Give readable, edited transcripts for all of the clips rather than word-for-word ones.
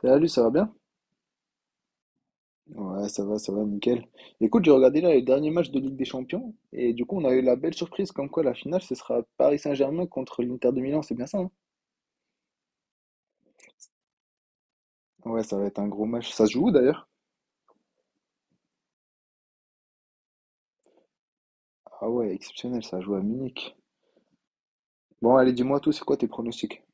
Salut, ça va bien? Ouais, ça va, nickel. Écoute, j'ai regardé là les derniers matchs de Ligue des Champions et du coup, on a eu la belle surprise comme quoi la finale, ce sera Paris Saint-Germain contre l'Inter de Milan, c'est bien ça, hein. Ouais, ça va être un gros match. Ça se joue où, d'ailleurs? Ah ouais, exceptionnel, ça joue à Munich. Bon, allez, dis-moi tout, c'est quoi tes pronostics?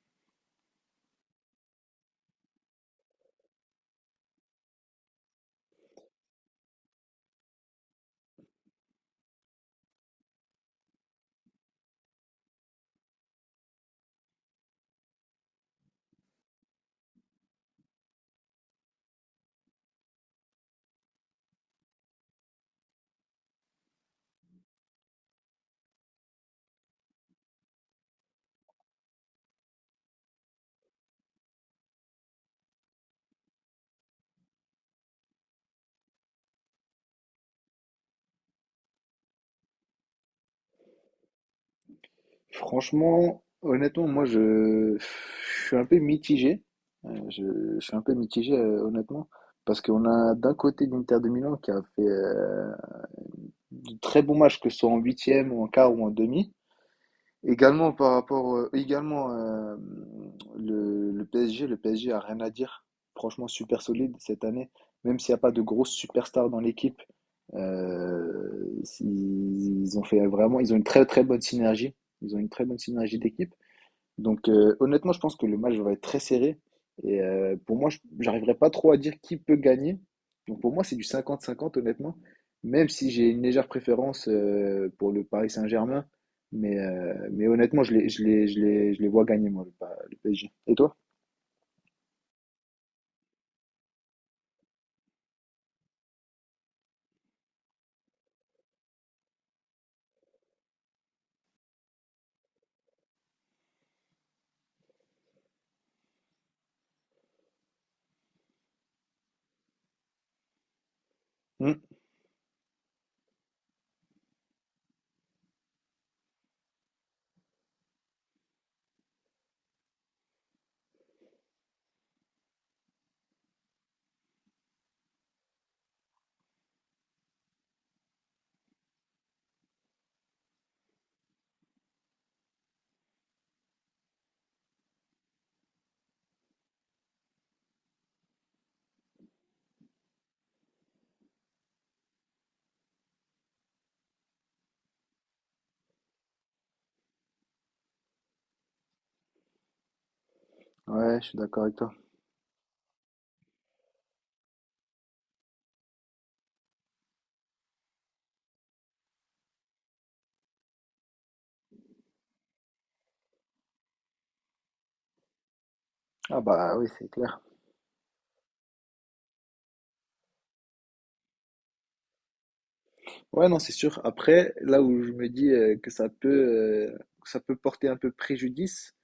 Franchement, honnêtement, moi, je suis un peu mitigé. Euh, Je, je suis un peu mitigé, honnêtement, parce qu'on a d'un côté l'Inter de Milan qui a fait de très bons matchs, que ce soit en huitième ou en quart ou en demi. Également par rapport, également le PSG, le PSG a rien à dire. Franchement, super solide cette année. Même s'il n'y a pas de grosses superstars dans l'équipe, euh, ils ont fait vraiment, ils ont une très très bonne synergie. Ils ont une très bonne synergie d'équipe. Donc honnêtement, je pense que le match va être très serré. Et pour moi, je j'arriverai pas trop à dire qui peut gagner. Donc pour moi, c'est du cinquante-cinquante, honnêtement. Même si j'ai une légère préférence pour le Paris Saint-Germain. Mais honnêtement, je les vois gagner, moi, le PSG. Et toi? Hmm. Ouais, je suis d'accord avec toi. Ah bah oui, c'est clair. Ouais, non, c'est sûr. Après, là où je me dis euh, que ça peut porter un peu préjudice,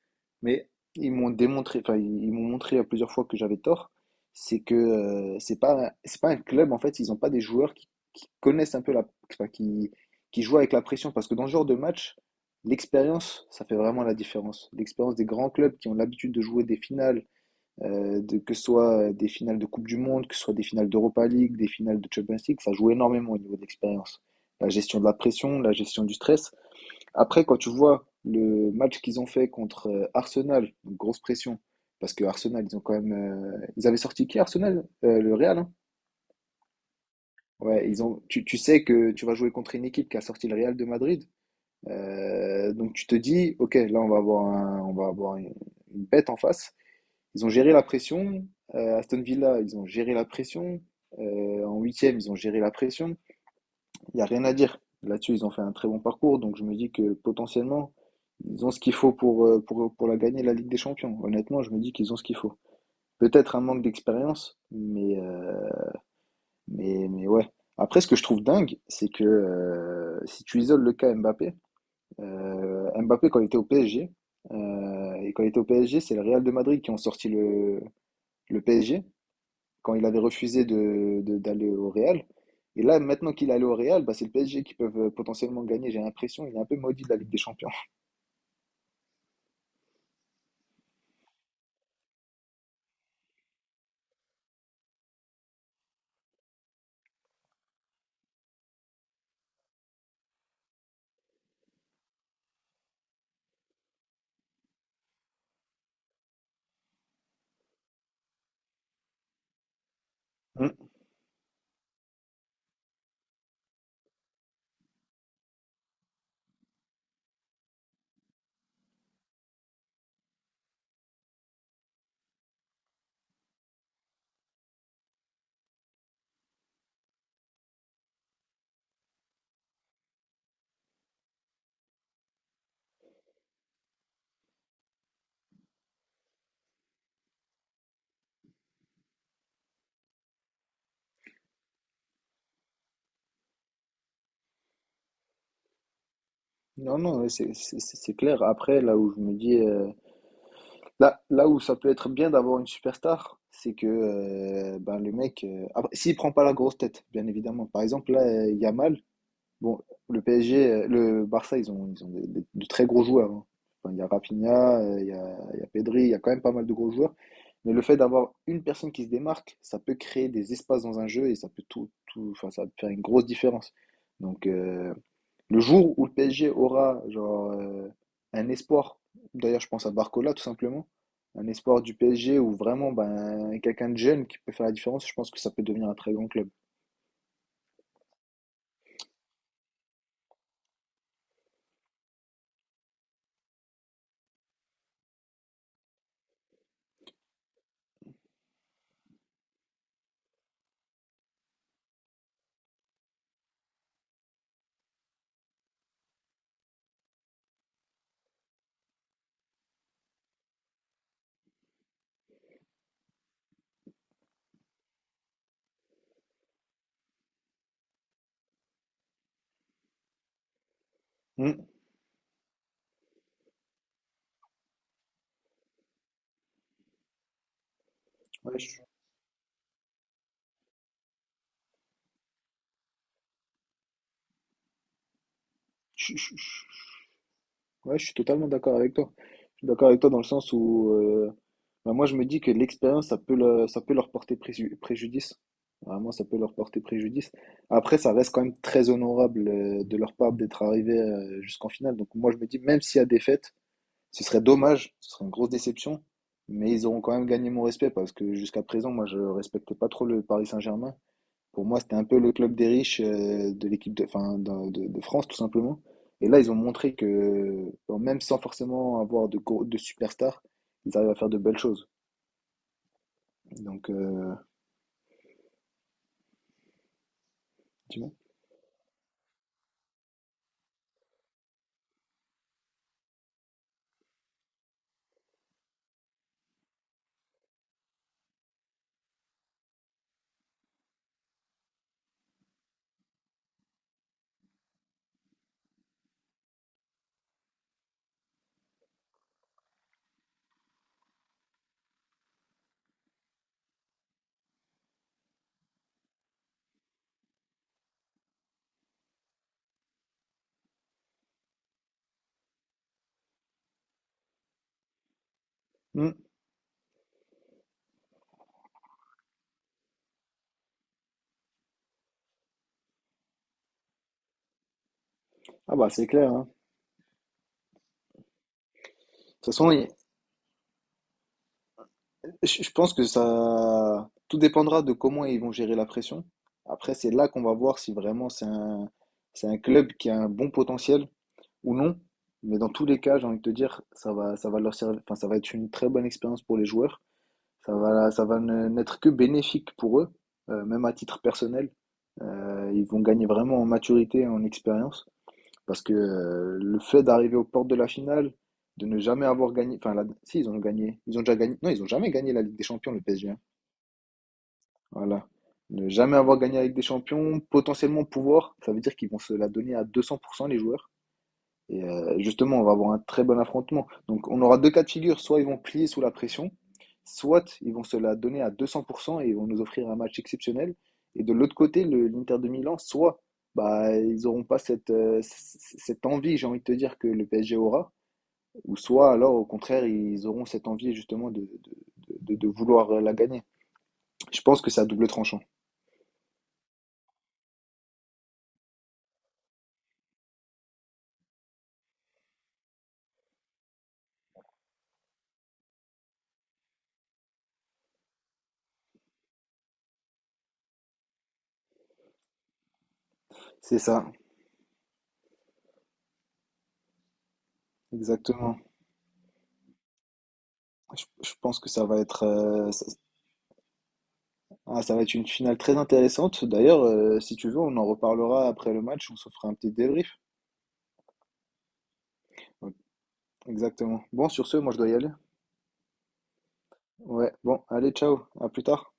mais ils m'ont démontré, enfin, ils m'ont montré à plusieurs fois que j'avais tort, c'est que c'est pas un club, en fait, ils n'ont pas des joueurs qui, connaissent un peu la, enfin, qui, jouent avec la pression, parce que dans ce genre de match, l'expérience, ça fait vraiment la différence. L'expérience des grands clubs qui ont l'habitude de jouer des finales, que ce soit des finales de Coupe du Monde, que ce soit des finales d'Europa League, des finales de Champions League, ça joue énormément au niveau de l'expérience. La gestion de la pression, la gestion du stress. Après, quand tu vois le match qu'ils ont fait contre Arsenal, donc grosse pression, parce que Arsenal, ils ont quand même, ils avaient sorti qui Arsenal, le Real, hein. Ouais, ils ont. Tu sais que tu vas jouer contre une équipe qui a sorti le Real de Madrid, donc tu te dis, ok, là on va avoir un, on va avoir une bête en face. Ils ont géré la pression. Aston Villa, ils ont géré la pression. En huitième, ils ont géré la pression. Il n'y a rien à dire. Là-dessus, ils ont fait un très bon parcours. Donc je me dis que potentiellement, ils ont ce qu'il faut pour la gagner, la Ligue des Champions. Honnêtement, je me dis qu'ils ont ce qu'il faut. Peut-être un manque d'expérience, mais ouais. Après, ce que je trouve dingue, c'est que si tu isoles le cas Mbappé, quand il était au PSG, c'est le Real de Madrid qui ont sorti le PSG. Quand il avait refusé de, d'aller au Real. Et là, maintenant qu'il est allé au Real, bah, c'est le PSG qui peuvent potentiellement gagner. J'ai l'impression il est un peu maudit de la Ligue des Champions. Mm. Non, non, ouais, c'est clair. Après, là où je me dis, là où ça peut être bien d'avoir une superstar, c'est que ben, le mec, après, s'il prend pas la grosse tête, bien évidemment. Par exemple, là, Yamal, bon, le PSG, le Barça, ils ont de très gros joueurs, hein. Enfin, il y a Rafinha, il y a Pedri, il y a quand même pas mal de gros joueurs. Mais le fait d'avoir une personne qui se démarque, ça peut créer des espaces dans un jeu et ça peut tout, tout, enfin, ça peut faire une grosse différence. Donc, le jour où le PSG aura genre un espoir, d'ailleurs, je pense à Barcola tout simplement, un espoir du PSG où vraiment ben quelqu'un de jeune qui peut faire la différence, je pense que ça peut devenir un très grand club. Hmm. Ouais, je- je- je Ouais, je suis totalement d'accord avec toi. Je suis d'accord avec toi dans le sens où bah, moi je me dis que l'expérience ça peut leur porter préjudice. Vraiment, ça peut leur porter préjudice. Après, ça reste quand même très honorable de leur part d'être arrivé jusqu'en finale. Donc moi je me dis même s'il y a défaite, ce serait dommage, ce serait une grosse déception, mais ils auront quand même gagné mon respect parce que jusqu'à présent moi je respecte pas trop le Paris Saint-Germain. Pour moi, c'était un peu le club des riches de l'équipe de, enfin, de France, tout simplement. Et là, ils ont montré que, bon, même sans forcément avoir de superstars, ils arrivent à faire de belles choses. Donc, tu vois. Hmm. Ah bah, c'est clair, hein. De toute façon, je pense que ça. Tout dépendra de comment ils vont gérer la pression. Après, c'est là qu'on va voir si vraiment c'est un club qui a un bon potentiel ou non. Mais dans tous les cas, j'ai envie de te dire, ça va leur servir, enfin, ça va être une très bonne expérience pour les joueurs. Ça va n'être que bénéfique pour eux, même à titre personnel. Ils vont gagner vraiment en maturité en expérience. Parce que le fait d'arriver aux portes de la finale, de ne jamais avoir gagné. Enfin, si, ils ont gagné. Ils ont déjà gagné. Non, ils ont jamais gagné la Ligue des Champions, le PSG, hein. Voilà. Ne jamais avoir gagné la Ligue des Champions, potentiellement pouvoir, ça veut dire qu'ils vont se la donner à 200% les joueurs. Et justement, on va avoir un très bon affrontement. Donc, on aura deux cas de figure. Soit ils vont plier sous la pression, soit ils vont se la donner à 200% et vont nous offrir un match exceptionnel. Et de l'autre côté, l'Inter de Milan, soit bah, ils n'auront pas cette envie, j'ai envie de te dire, que le PSG aura, ou soit alors, au contraire, ils auront cette envie justement de vouloir la gagner. Je pense que c'est à double tranchant. C'est ça, exactement. Je pense que ça va être, ça, ah, ça va être une finale très intéressante. D'ailleurs, si tu veux, on en reparlera après le match, on se fera un petit débrief. Ouais, exactement. Bon, sur ce, moi je dois y aller. Ouais, bon, allez, ciao, à plus tard.